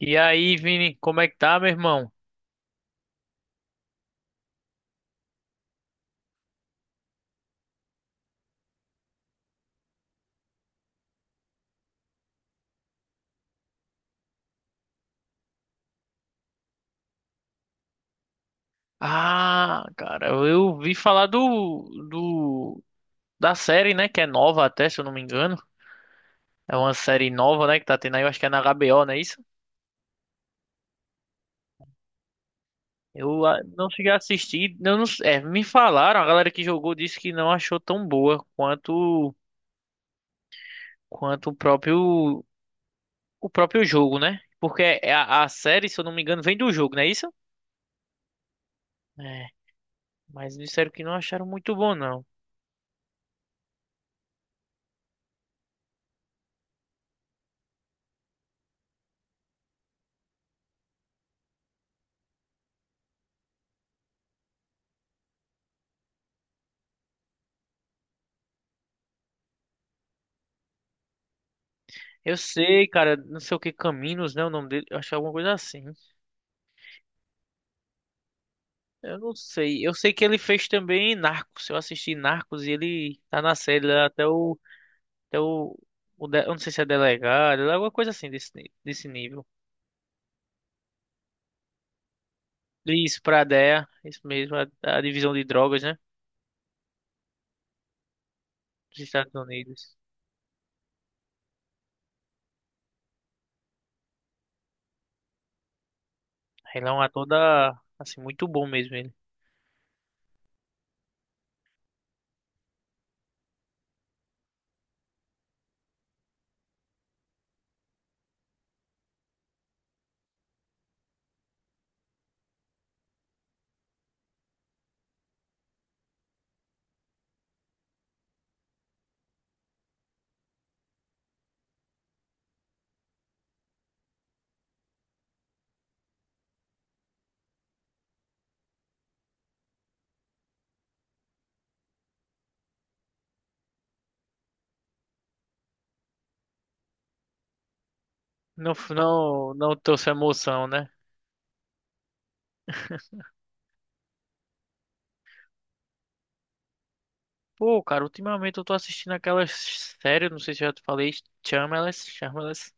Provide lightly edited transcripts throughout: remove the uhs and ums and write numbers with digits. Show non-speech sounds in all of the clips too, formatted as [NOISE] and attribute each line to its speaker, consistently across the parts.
Speaker 1: E aí, Vini, como é que tá, meu irmão? Ah, cara, eu vi falar do, da série, né? Que é nova até, se eu não me engano. É uma série nova, né? Que tá tendo aí, eu acho que é na HBO, não é isso? Eu não cheguei a assistir. Eu não, é, me falaram, a galera que jogou disse que não achou tão boa quanto o próprio jogo, né? Porque é a série, se eu não me engano, vem do jogo, não é isso? É, mas disseram que não acharam muito bom, não. Eu sei, cara, não sei o que Caminos, né? O nome dele, eu acho que é alguma coisa assim. Eu não sei. Eu sei que ele fez também Narcos. Eu assisti Narcos e ele tá na série lá até o, o eu não sei se é delegado, é alguma coisa assim desse, desse nível. Isso, pra DEA, isso mesmo, a divisão de drogas, né? Dos Estados Unidos. Ele é um ator da, assim, muito bom mesmo ele. Não, não, não trouxe emoção, né? Pô, cara, ultimamente eu tô assistindo aquelas séries, não sei se eu já te falei, Shameless, Shameless.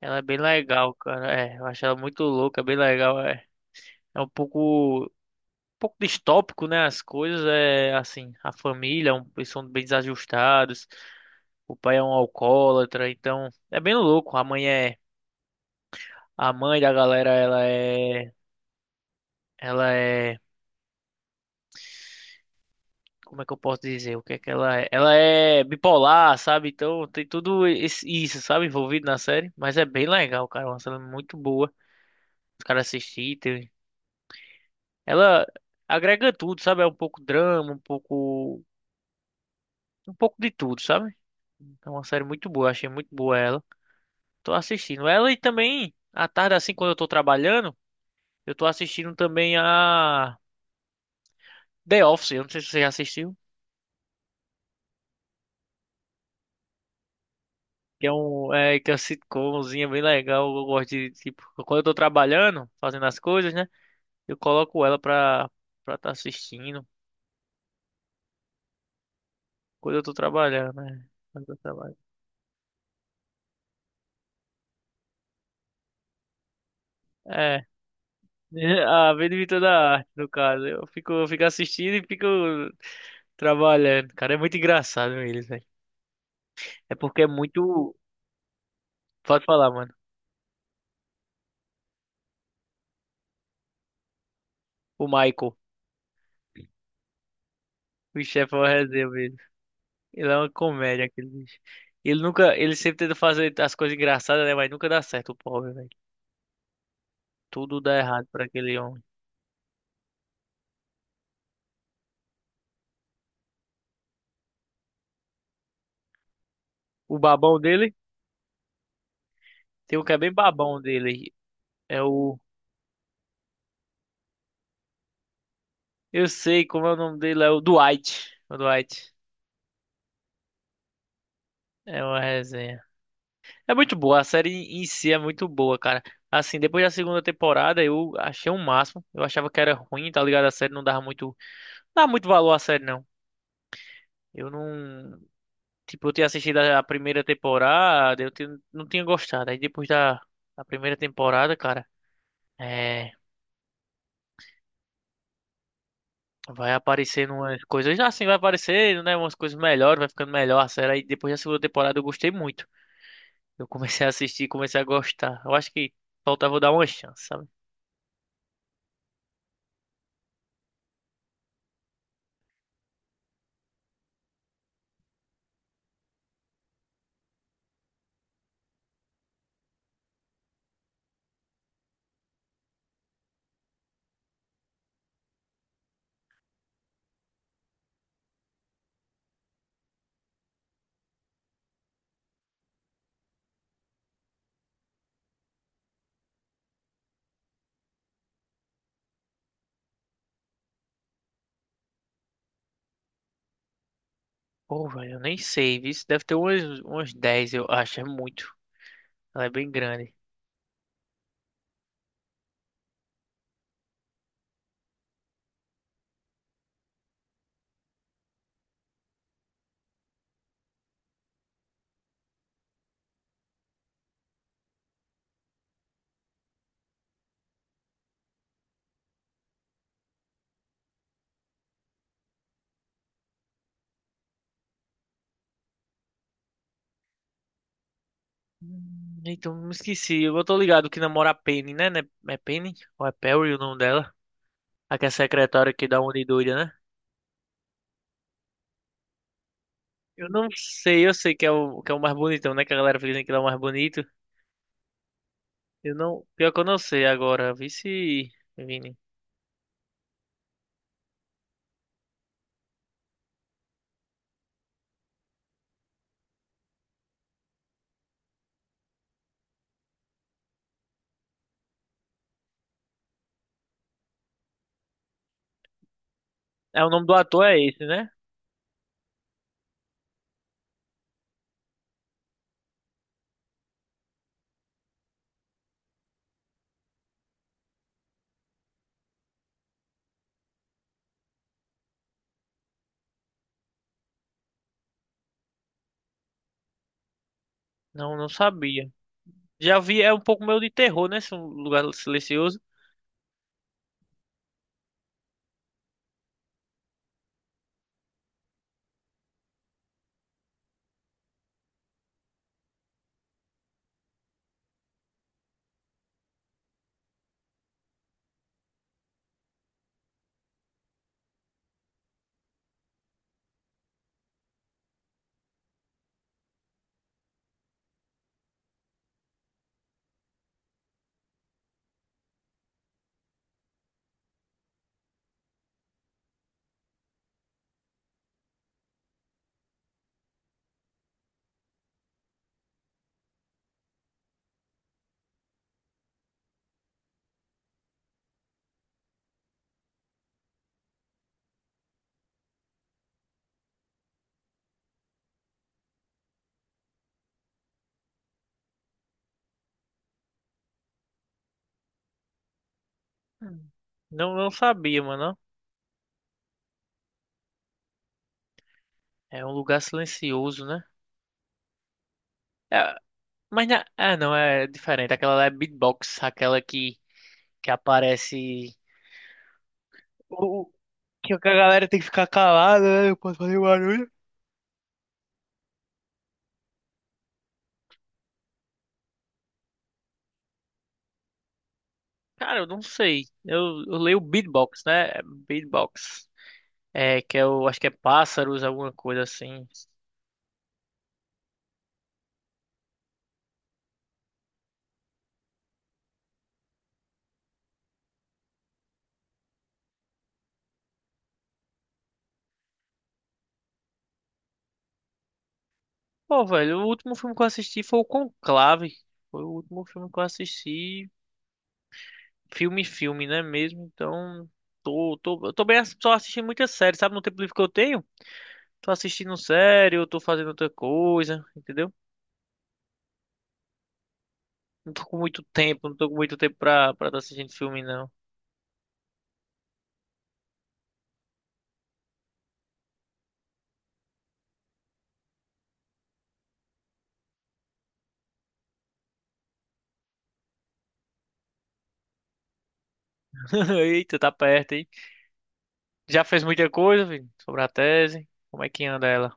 Speaker 1: Ela é bem legal, cara. É, eu acho ela muito louca, é bem legal. É, é um pouco distópico, né? As coisas é assim, a família, é um, eles são bem desajustados. O pai é um alcoólatra, então é bem louco. A mãe é, a mãe da galera, ela é, como é que eu posso dizer? O que é que ela é? Ela é bipolar, sabe? Então tem tudo isso, sabe, envolvido na série. Mas é bem legal, cara. É uma série muito boa. Os caras assistirem. Ela agrega tudo, sabe? É um pouco drama, um pouco. Um pouco de tudo, sabe? É uma série muito boa, achei muito boa ela. Tô assistindo ela e também, à tarde, assim, quando eu tô trabalhando, eu tô assistindo também a The Office. Eu não sei se você já assistiu. Que é um. É, que é uma sitcomzinha bem legal. Eu gosto de, tipo, quando eu tô trabalhando, fazendo as coisas, né? Eu coloco ela pra tá assistindo. Quando eu tô trabalhando, né? Quando eu trabalho. É, [LAUGHS] é, a Benedita da Arte, no caso. Eu fico assistindo e fico trabalhando. Cara, é muito engraçado eles, velho. É porque é muito. Pode falar, mano. O Michael, o chefe é uma resenha mesmo. Ele é uma comédia, aquele bicho. Ele nunca. Ele sempre tenta fazer as coisas engraçadas, né? Mas nunca dá certo, o pobre, velho. Tudo dá errado pra aquele homem. O babão dele, tem um que é bem babão dele. É o. Eu sei como é o nome dele, é o Dwight. O Dwight. É uma resenha. É muito boa, a série em si é muito boa, cara. Assim, depois da segunda temporada eu achei o máximo. Eu achava que era ruim, tá ligado? A série não dava muito, não dava muito valor à série, não. Eu não, tipo, eu tinha assistido a primeira temporada, não tinha gostado. Aí depois da primeira temporada, cara, é, vai aparecendo umas coisas, assim, vai aparecendo, né, umas coisas melhores, vai ficando melhor a série. Aí depois da segunda temporada eu gostei muito. Eu comecei a assistir, comecei a gostar. Eu acho que faltava eu dar uma chance, sabe? Pô, velho, eu nem sei, viu? Deve ter umas 10, eu acho. É muito. Ela é bem grande. Então, me esqueci. Eu tô ligado que namora a Penny, né? É Penny? Ou é Perry o nome dela? A que é secretária que dá uma de doida, né? Eu não sei, eu sei que é que é o mais bonitão, né? Que a galera fica dizendo que ele é o mais bonito. Eu não. Pior que eu não sei agora. Vice, Vini. É, o nome do ator é esse, né? Não, não sabia. Já vi, é um pouco meio de terror, né? Esse lugar silencioso. Hum. Não, não sabia, mano. É um lugar silencioso, né? É, mas na... Ah, não, é diferente. Aquela lá é beatbox, que aparece. O... o- Que a galera tem que ficar calada, né? Eu posso fazer barulho. Cara, eu não sei. Eu leio beatbox, né? É beatbox. É, que é o. Acho que é pássaros, alguma coisa assim. Pô, velho, o último filme que eu assisti foi o Conclave. Foi o último filme que eu assisti. Filme, filme, né mesmo? Então. Eu tô bem, só assistindo muitas séries, sabe? No tempo livre que eu tenho. Tô assistindo série, eu tô fazendo outra coisa, entendeu? Não tô com muito tempo, não tô com muito tempo pra tá assistindo filme, não. [LAUGHS] Eita, tá perto, hein? Já fez muita coisa, filho, sobre a tese. Como é que anda ela?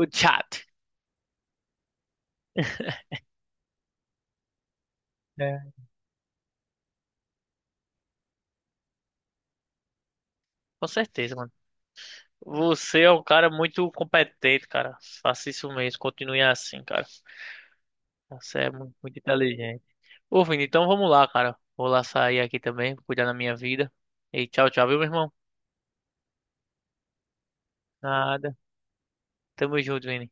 Speaker 1: O chat. É. Com certeza, mano. Você é um cara muito competente, cara. Faça isso mesmo, continue assim, cara. Você é muito, muito inteligente. Ô, Vini, então vamos lá, cara. Vou lá sair aqui também, cuidar da minha vida. E tchau, tchau, viu, meu irmão? Nada. Tamo junto, Vini.